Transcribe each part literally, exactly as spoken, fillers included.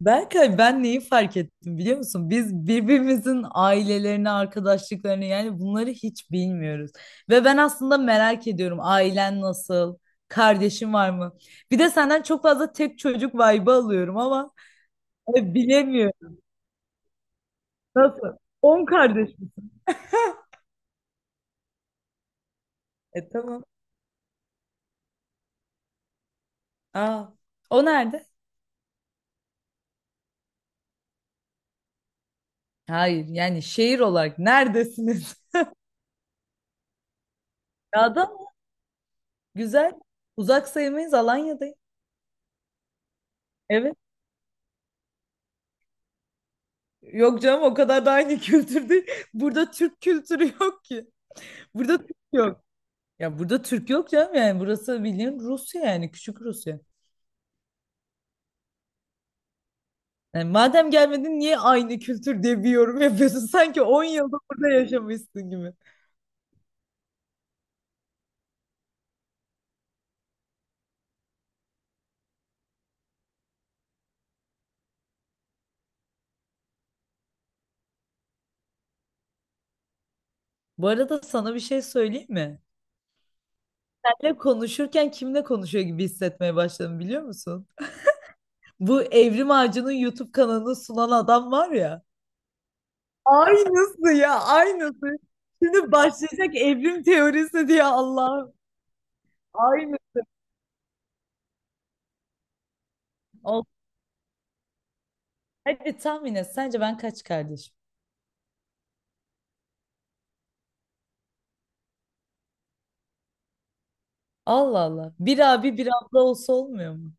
Berkay ben neyi fark ettim biliyor musun? Biz birbirimizin ailelerini, arkadaşlıklarını yani bunları hiç bilmiyoruz. Ve ben aslında merak ediyorum ailen nasıl, kardeşin var mı? Bir de senden çok fazla tek çocuk vibe'ı alıyorum ama e, bilemiyorum. Nasıl? On kardeş mi? E tamam. Aa, o nerede? Hayır yani şehir olarak neredesiniz? Ya da güzel. Uzak sayılmayız Alanya'dayım. Evet. Yok canım o kadar da aynı kültür değil. Burada Türk kültürü yok ki. Burada Türk yok. Ya burada Türk yok canım yani burası bildiğin Rusya yani küçük Rusya. Yani madem gelmedin niye aynı kültür diye bir yorum yapıyorsun? Sanki on yılda burada yaşamışsın gibi. Bu arada sana bir şey söyleyeyim mi? Senle konuşurken kimle konuşuyor gibi hissetmeye başladım biliyor musun? Bu Evrim Ağacı'nın YouTube kanalını sunan adam var ya. Aynısı ya aynısı. Şimdi başlayacak evrim teorisi diye Allah'ım. Aynı. Ol- Hadi tahmin et. Sence ben kaç kardeşim? Allah Allah. Bir abi bir abla olsa olmuyor mu?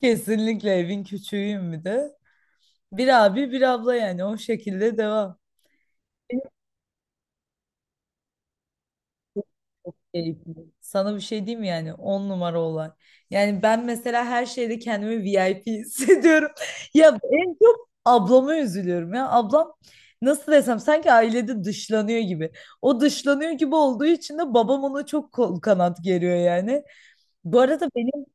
Kesinlikle evin küçüğüyüm bir de. Bir abi bir abla yani o şekilde devam. Keyifli. Sana bir şey diyeyim mi yani on numara olay. Yani ben mesela her şeyde kendimi V I P hissediyorum. Ya en çok ablama üzülüyorum ya. Ablam nasıl desem sanki ailede dışlanıyor gibi. O dışlanıyor gibi olduğu için de babam ona çok kol kanat geriyor yani. Bu arada benim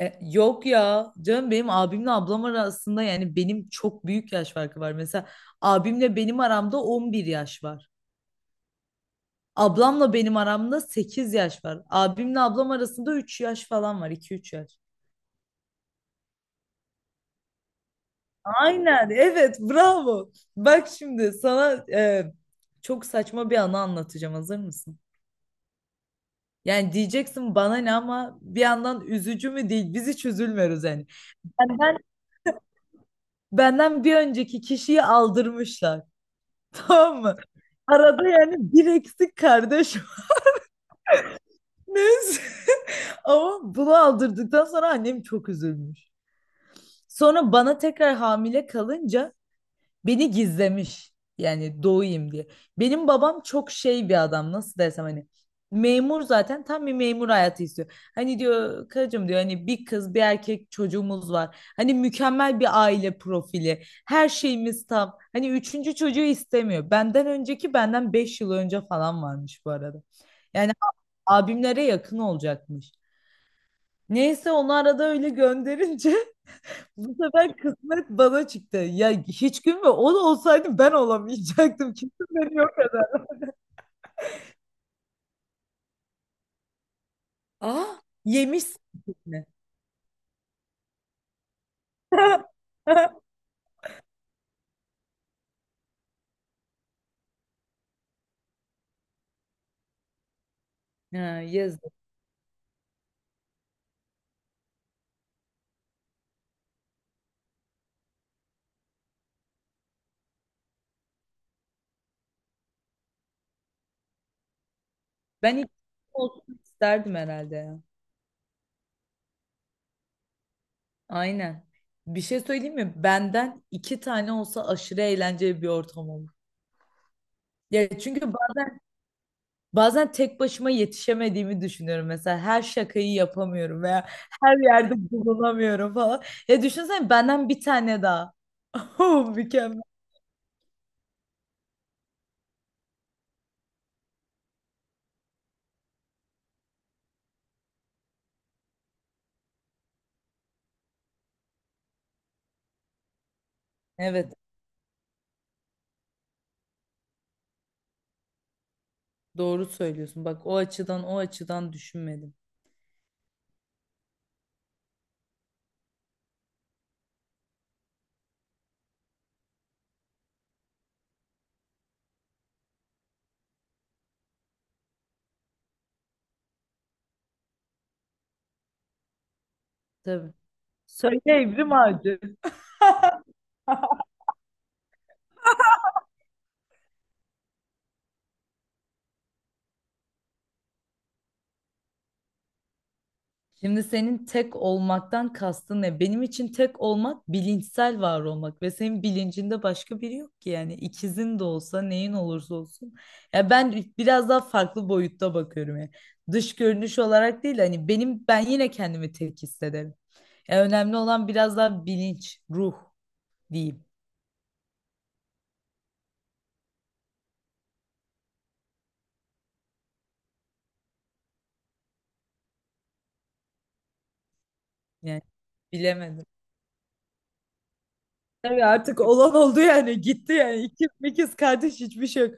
e, yok ya canım benim abimle ablam arasında yani benim çok büyük yaş farkı var. Mesela abimle benim aramda on bir yaş var. Ablamla benim aramda sekiz yaş var. Abimle ablam arasında üç yaş falan var. iki üç yaş. Aynen. Evet. Bravo. Bak şimdi sana e, çok saçma bir anı anlatacağım. Hazır mısın? Yani diyeceksin bana ne ama bir yandan üzücü mü değil. Biz hiç üzülmüyoruz yani. Benden, benden bir önceki kişiyi aldırmışlar. Tamam mı? Arada yani bir eksik kardeş var. Neyse. Ama bunu aldırdıktan sonra annem çok üzülmüş. Sonra bana tekrar hamile kalınca beni gizlemiş. Yani doğayım diye. Benim babam çok şey bir adam nasıl desem hani memur zaten tam bir memur hayatı istiyor. Hani diyor karıcığım diyor hani bir kız bir erkek çocuğumuz var. Hani mükemmel bir aile profili. Her şeyimiz tam. Hani üçüncü çocuğu istemiyor. Benden önceki benden beş yıl önce falan varmış bu arada. Yani abimlere yakın olacakmış. Neyse onu arada öyle gönderince bu sefer kısmet bana çıktı. Ya hiç gün ve o da olsaydı ben olamayacaktım. Kesin beni yok eder. Aa yemişsin mi? Ha, yazık. Ben ilk olsun isterdim herhalde ya. Aynen. Bir şey söyleyeyim mi? Benden iki tane olsa aşırı eğlenceli bir ortam olur. Ya çünkü bazen bazen tek başıma yetişemediğimi düşünüyorum. Mesela her şakayı yapamıyorum veya her yerde bulunamıyorum falan. Ya düşünsene benden bir tane daha. Oh, mükemmel. Evet, doğru söylüyorsun. Bak o açıdan o açıdan düşünmedim. Tabii. Söyle Evrim Ağacı. Şimdi senin tek olmaktan kastın ne? Benim için tek olmak bilinçsel var olmak ve senin bilincinde başka biri yok ki yani ikizin de olsa neyin olursa olsun. Ya ben biraz daha farklı boyutta bakıyorum yani. Dış görünüş olarak değil hani benim ben yine kendimi tek hissederim. Ya önemli olan biraz daha bilinç, ruh diyeyim. Yani bilemedim. Tabii artık olan oldu yani gitti yani ikiz mikiz kardeş hiçbir şey yok.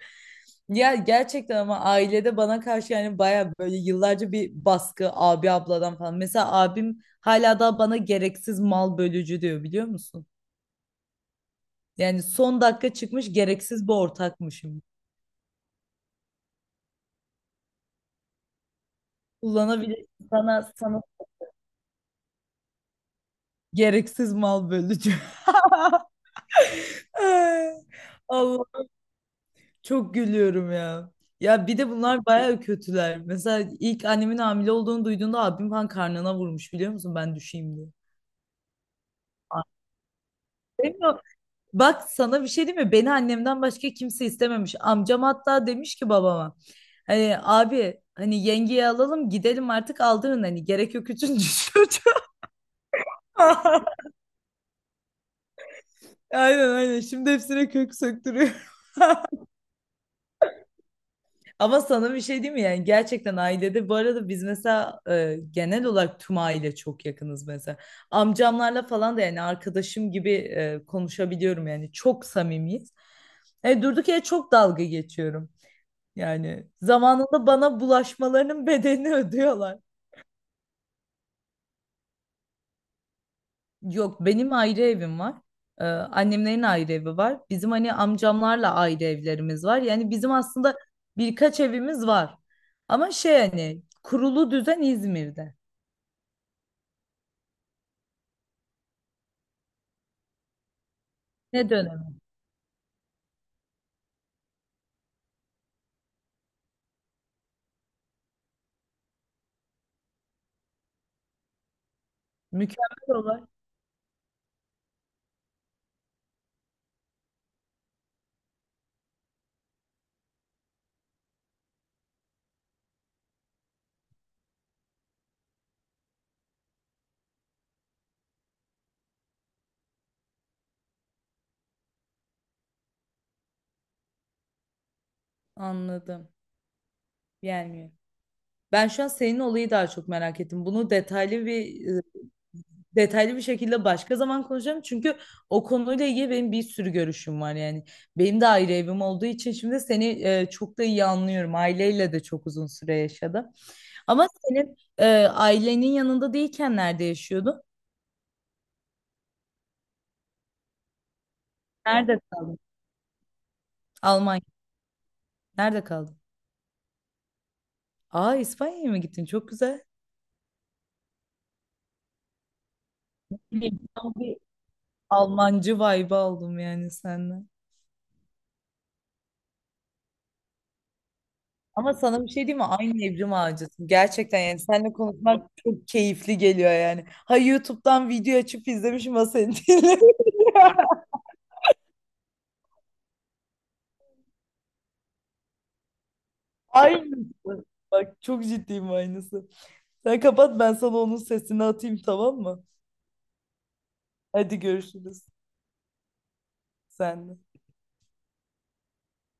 Ya gerçekten ama ailede bana karşı yani baya böyle yıllarca bir baskı abi abladan falan. Mesela abim hala da bana gereksiz mal bölücü diyor biliyor musun? Yani son dakika çıkmış gereksiz bir ortakmışım. Kullanabilir sana sana gereksiz mal bölücü. Allah. Çok gülüyorum ya. Ya bir de bunlar bayağı kötüler. Mesela ilk annemin hamile olduğunu duyduğunda abim falan karnına vurmuş biliyor musun? Ben düşeyim diye. Demiyor. Bak sana bir şey diyeyim mi? Beni annemden başka kimse istememiş. Amcam hatta demiş ki babama. Hani abi hani yengeyi alalım gidelim artık aldırın hani gerek yok üçüncü çocuğa. Aynen aynen. Şimdi hepsine kök söktürüyor. Ama sana bir şey diyeyim mi? Yani gerçekten ailede bu arada biz mesela e, genel olarak tüm aile çok yakınız mesela. Amcamlarla falan da yani arkadaşım gibi e, konuşabiliyorum yani çok samimiyiz. E, durduk yere çok dalga geçiyorum. Yani zamanında bana bulaşmalarının bedelini ödüyorlar. Yok benim ayrı evim var. E, annemlerin ayrı evi var. Bizim hani amcamlarla ayrı evlerimiz var. Yani bizim aslında birkaç evimiz var. Ama şey hani kurulu düzen İzmir'de. Ne dönemi? Mükemmel olay. Anladım. Gelmiyor. Ben şu an senin olayı daha çok merak ettim. Bunu detaylı bir e, detaylı bir şekilde başka zaman konuşacağım. Çünkü o konuyla ilgili benim bir sürü görüşüm var yani. Benim de ayrı evim olduğu için şimdi seni e, çok da iyi anlıyorum. Aileyle de çok uzun süre yaşadım. Ama senin e, ailenin yanında değilken nerede yaşıyordun? Nerede kaldın? Almanya. Nerede kaldın? Aa İspanya'ya mı gittin? Çok güzel. Bilmiyorum. Almancı vibe aldım yani senden. Ama sana bir şey diyeyim mi? Aynı Evrim Ağacısın. Gerçekten yani seninle konuşmak çok keyifli geliyor yani. Ha YouTube'dan video açıp izlemişim ha seni dinliyorum. Aynısı. Bak çok ciddiyim aynısı. Sen kapat ben sana onun sesini atayım tamam mı? Hadi görüşürüz. Sen de.